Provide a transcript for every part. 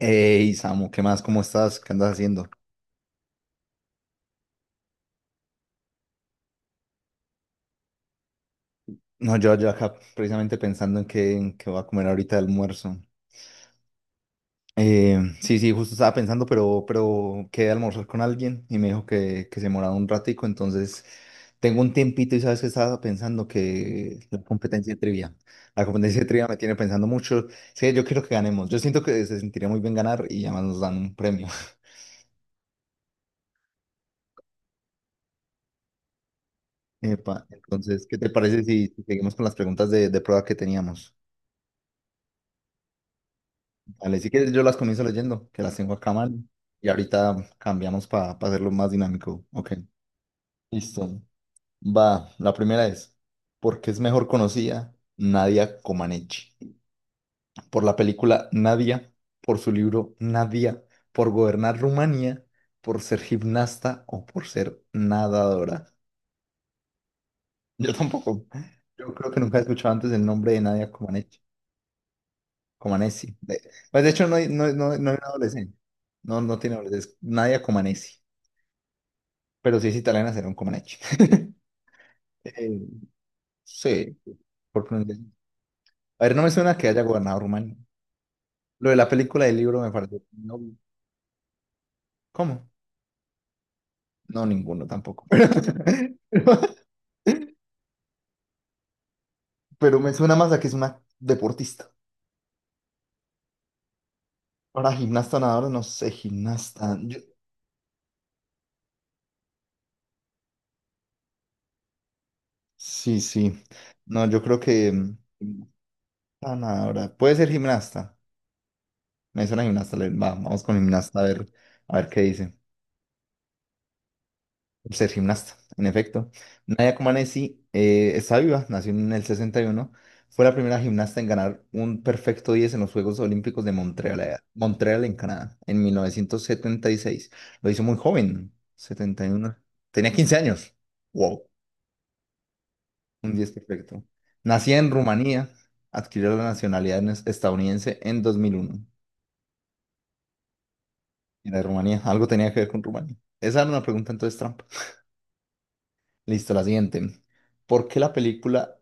Hey, Samu, ¿qué más? ¿Cómo estás? ¿Qué andas haciendo? No, yo acá precisamente pensando en qué voy a comer ahorita de almuerzo. Sí, sí, justo estaba pensando, pero quedé a almorzar con alguien y me dijo que se moraba un ratico. Entonces tengo un tiempito y sabes que estaba pensando que la competencia de trivia, la competencia de trivia me tiene pensando mucho. Sí, yo quiero que ganemos, yo siento que se sentiría muy bien ganar y además nos dan un premio. Epa, entonces, ¿qué te parece si seguimos con las preguntas de prueba que teníamos? Vale, si quieres yo las comienzo leyendo, que las tengo acá mal. Y ahorita cambiamos para hacerlo más dinámico. Ok. Listo. Va, la primera es: ¿por qué es mejor conocida Nadia Comaneci? ¿Por la película Nadia, por su libro Nadia, por gobernar Rumanía, por ser gimnasta o por ser nadadora? Yo tampoco. Yo creo que nunca he escuchado antes el nombre de Nadia Comaneci. Comaneci. De, pues de hecho no hay una adolescente. No, no tiene adolescente. Nadia Comaneci. Pero si es italiana será un Comaneci. Eh, Sí, por pronunciación. A ver, no me suena que haya gobernado Rumania. Lo de la película del libro me parece. No, ¿cómo? No, ninguno tampoco. Pero, pero me suena más a que es una deportista. Ahora, gimnasta, nadadora, no sé, gimnasta. Sí, sí. No, yo creo que. Gimnasta, nadadora. Puede ser gimnasta. Me suena gimnasta. Va, vamos con gimnasta a ver qué dice. Por ser gimnasta, en efecto. Nadia Comaneci está viva, nació en el sesenta y uno. Fue la primera gimnasta en ganar un perfecto 10 en los Juegos Olímpicos de Montreal, Montreal en Canadá, en 1976. Lo hizo muy joven, 71. Tenía 15 años. Wow, un 10 perfecto. Nacida en Rumanía, adquirió la nacionalidad estadounidense en 2001. Era de Rumanía, algo tenía que ver con Rumanía. Esa era una pregunta entonces trampa. Listo, la siguiente. ¿Por qué la película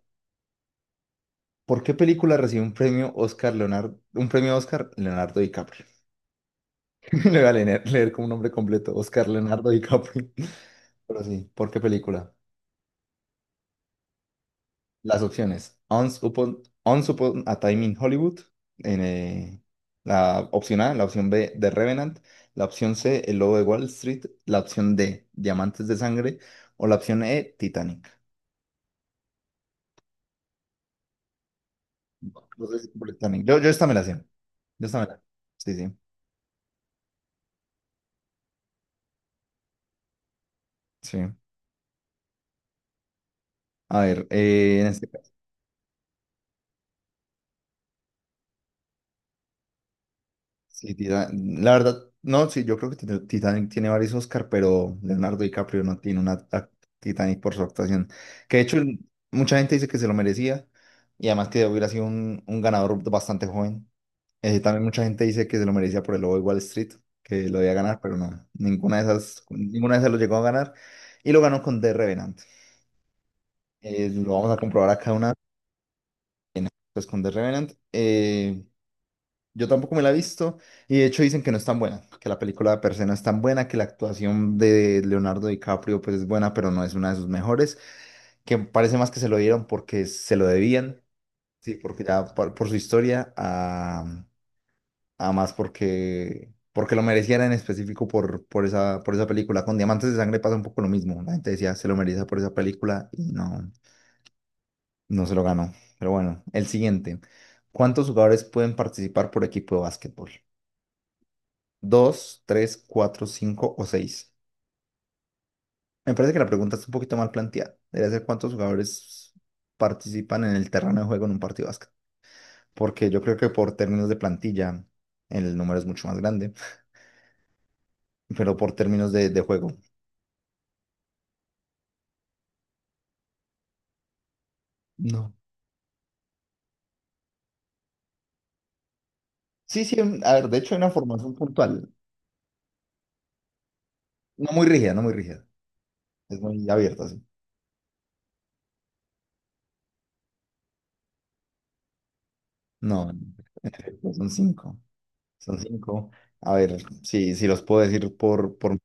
¿Por qué película recibió un premio Oscar Leonardo DiCaprio? Le voy a leer como un nombre completo, Oscar Leonardo DiCaprio. Pero sí, ¿por qué película? Las opciones: Once Upon a Time in Hollywood, en, eh, la opción A, la opción B, The Revenant, la opción C, El Lobo de Wall Street, la opción D, Diamantes de Sangre, o la opción E, Titanic. No sé si por Titanic. Yo esta me la sé. Yo esta me la Sí, sí, sí. A ver, Sí, la verdad, no, sí, yo creo que Titanic tiene varios Oscar, pero Leonardo DiCaprio no tiene una Titanic por su actuación. Que de hecho, mucha gente dice que se lo merecía y además que hubiera sido un ganador bastante joven. También mucha gente dice que se lo merecía por el Lobo de Wall Street, que lo debía ganar, pero no, ninguna de esas lo llegó a ganar y lo ganó con The Revenant. Lo vamos a comprobar acá pues con The Revenant. Yo tampoco me la he visto y de hecho dicen que no es tan buena, que la película per se no es tan buena, que la actuación de Leonardo DiCaprio pues es buena, pero no es una de sus mejores, que parece más que se lo dieron porque se lo debían, sí, porque ya por su historia, a más porque lo mereciera en específico por esa película. Con Diamantes de Sangre pasa un poco lo mismo, la gente decía se lo merecía por esa película y no, no se lo ganó. Pero bueno, el siguiente. ¿Cuántos jugadores pueden participar por equipo de básquetbol? Dos, tres, cuatro, cinco o seis. Me parece que la pregunta está un poquito mal planteada. Debería ser cuántos jugadores participan en el terreno de juego en un partido de básquet. Porque yo creo que por términos de plantilla, el número es mucho más grande, pero por términos de juego, no. Sí, sí, a ver, de hecho hay una formación puntual. No muy rígida, no muy rígida. Es muy abierta, sí. No, en efecto, son cinco. Son cinco. A ver, si los puedo decir por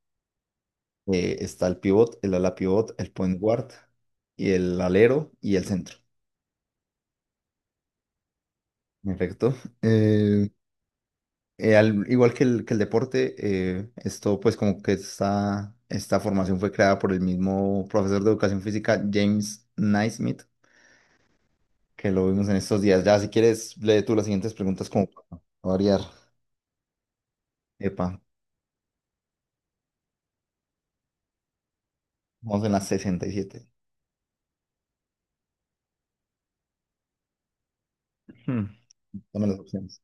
está el pivot, el ala pivot, el point guard, y el alero y el centro. En efecto. Eh, Igual que el deporte, esto pues como que esta formación fue creada por el mismo profesor de educación física, James Naismith, que lo vimos en estos días. Ya si quieres, lee tú las siguientes preguntas como para no variar. Epa, vamos en las 67. Hmm. Dame las opciones.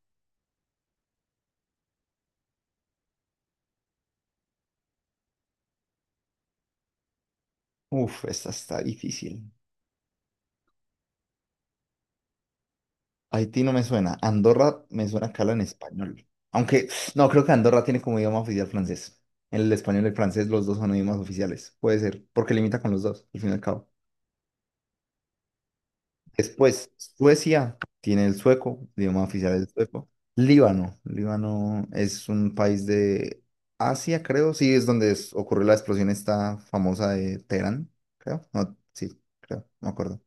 Uf, esta está difícil. Haití no me suena. Andorra me suena que habla en español. Aunque, no, creo que Andorra tiene como idioma oficial francés. El español y el francés, los dos son idiomas oficiales. Puede ser, porque limita con los dos, al fin y al cabo. Después, Suecia tiene el sueco, el idioma oficial es el sueco. Líbano, Líbano es un país de Asia, creo, sí, es donde ocurrió la explosión esta famosa de Teherán, creo. No, sí, creo, no me acuerdo.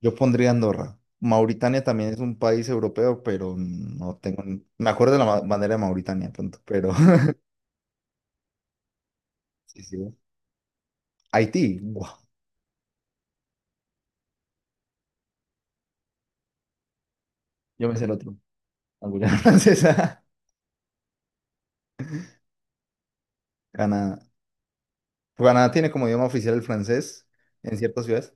Yo pondría Andorra. Mauritania también es un país europeo, pero no tengo. Me acuerdo de la bandera de Mauritania pronto, pero. Sí, sí. Haití. Buah, yo me sé el otro. La Guyana Francesa. Canadá. Canadá tiene como idioma oficial el francés en ciertas ciudades.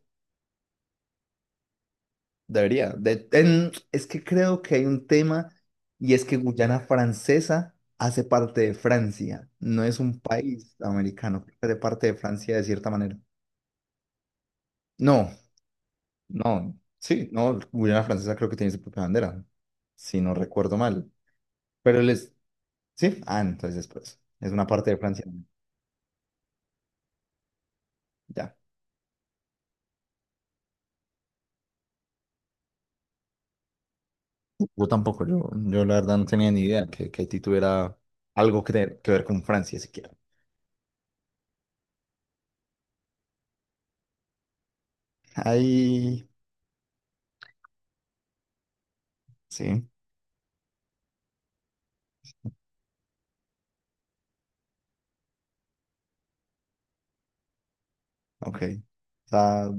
Debería. Es que creo que hay un tema y es que Guyana Francesa hace parte de Francia. No es un país americano, hace parte de Francia de cierta manera. No. No, sí, no, Guyana Francesa creo que tiene su propia bandera, si no recuerdo mal. Pero les, sí, ah, entonces después, es una parte de Francia, ya. Yo tampoco, yo la verdad no tenía ni idea que Haití tuviera algo que ver con Francia siquiera. Ahí, sí, ok. O sea,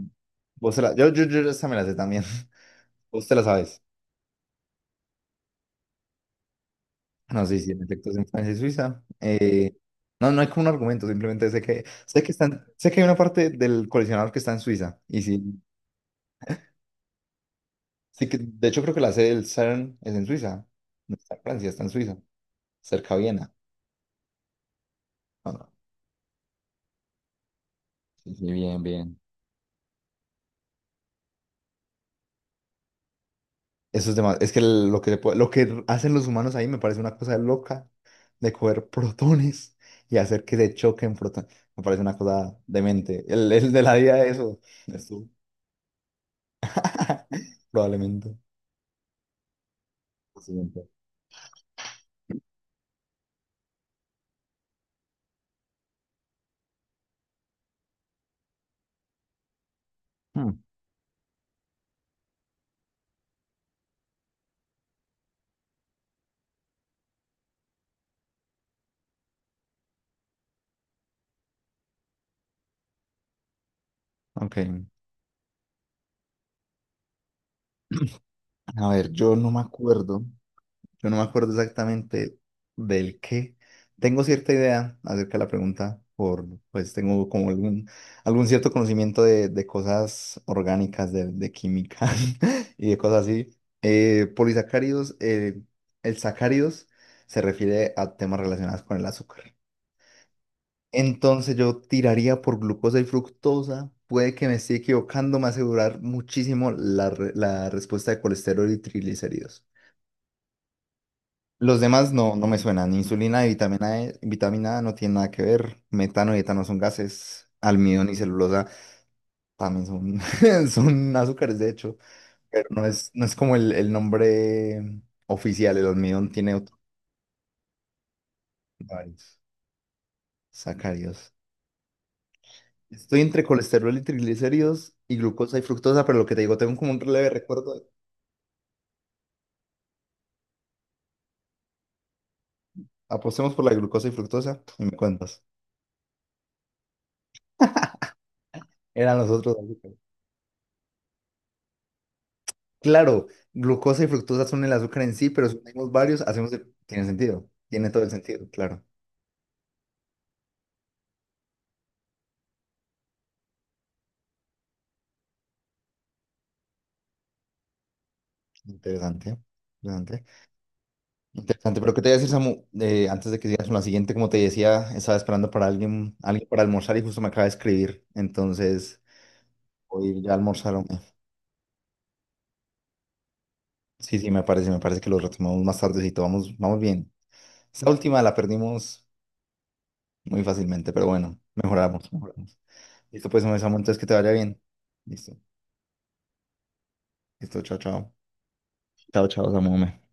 yo esta me la sé también. Vos te la sabes. No sé si en efecto es en Francia y Suiza. No, no hay como un argumento, simplemente sé que están, sé que hay una parte del colisionador que está en Suiza, y sí. Sí, que de hecho creo que la sede del CERN es en Suiza. No está en Francia, está en Suiza, cerca de Viena. Ah, no. Sí, sí, bien, bien. Eso es demás. Es que lo que, lo que hacen los humanos ahí me parece una cosa loca de coger protones y hacer que se choquen protones. Me parece una cosa demente. El de la vida de eso es tú. Probablemente. Lo siguiente. Hmm. Ok. A ver, yo no me acuerdo. Yo no me acuerdo exactamente del qué. Tengo cierta idea acerca de la pregunta, pues tengo como algún cierto conocimiento de cosas orgánicas, de química y de cosas así. Polisacáridos, el sacáridos se refiere a temas relacionados con el azúcar. Entonces yo tiraría por glucosa y fructosa. Puede que me esté equivocando, me va a asegurar muchísimo la respuesta de colesterol y triglicéridos. Los demás no, no me suenan. Insulina y vitamina E, vitamina A no tienen nada que ver. Metano y etano son gases. Almidón y celulosa también son, son azúcares, de hecho. Pero no es como el nombre oficial. El almidón tiene otros varios sacáridos. Estoy entre colesterol y triglicéridos y glucosa y fructosa, pero lo que te digo, tengo como un leve recuerdo. Apostemos por la glucosa y fructosa y me cuentas. Eran los otros. Claro, glucosa y fructosa son el azúcar en sí, pero si unimos varios, hacemos el- Tiene sentido, tiene todo el sentido, claro. Interesante, interesante. Interesante, pero ¿qué te voy a decir, Samu? Antes de que sigas con la siguiente, como te decía, estaba esperando para alguien, para almorzar y justo me acaba de escribir, entonces voy ya a almorzaron. Sí, sí, me parece que lo retomamos más tardecito, vamos, vamos bien. Esta última la perdimos muy fácilmente, pero bueno, mejoramos, mejoramos. Listo, pues, hombre, Samu, entonces que te vaya bien. Listo, listo, chao, chao. Chao, chao, Samu. Hombre.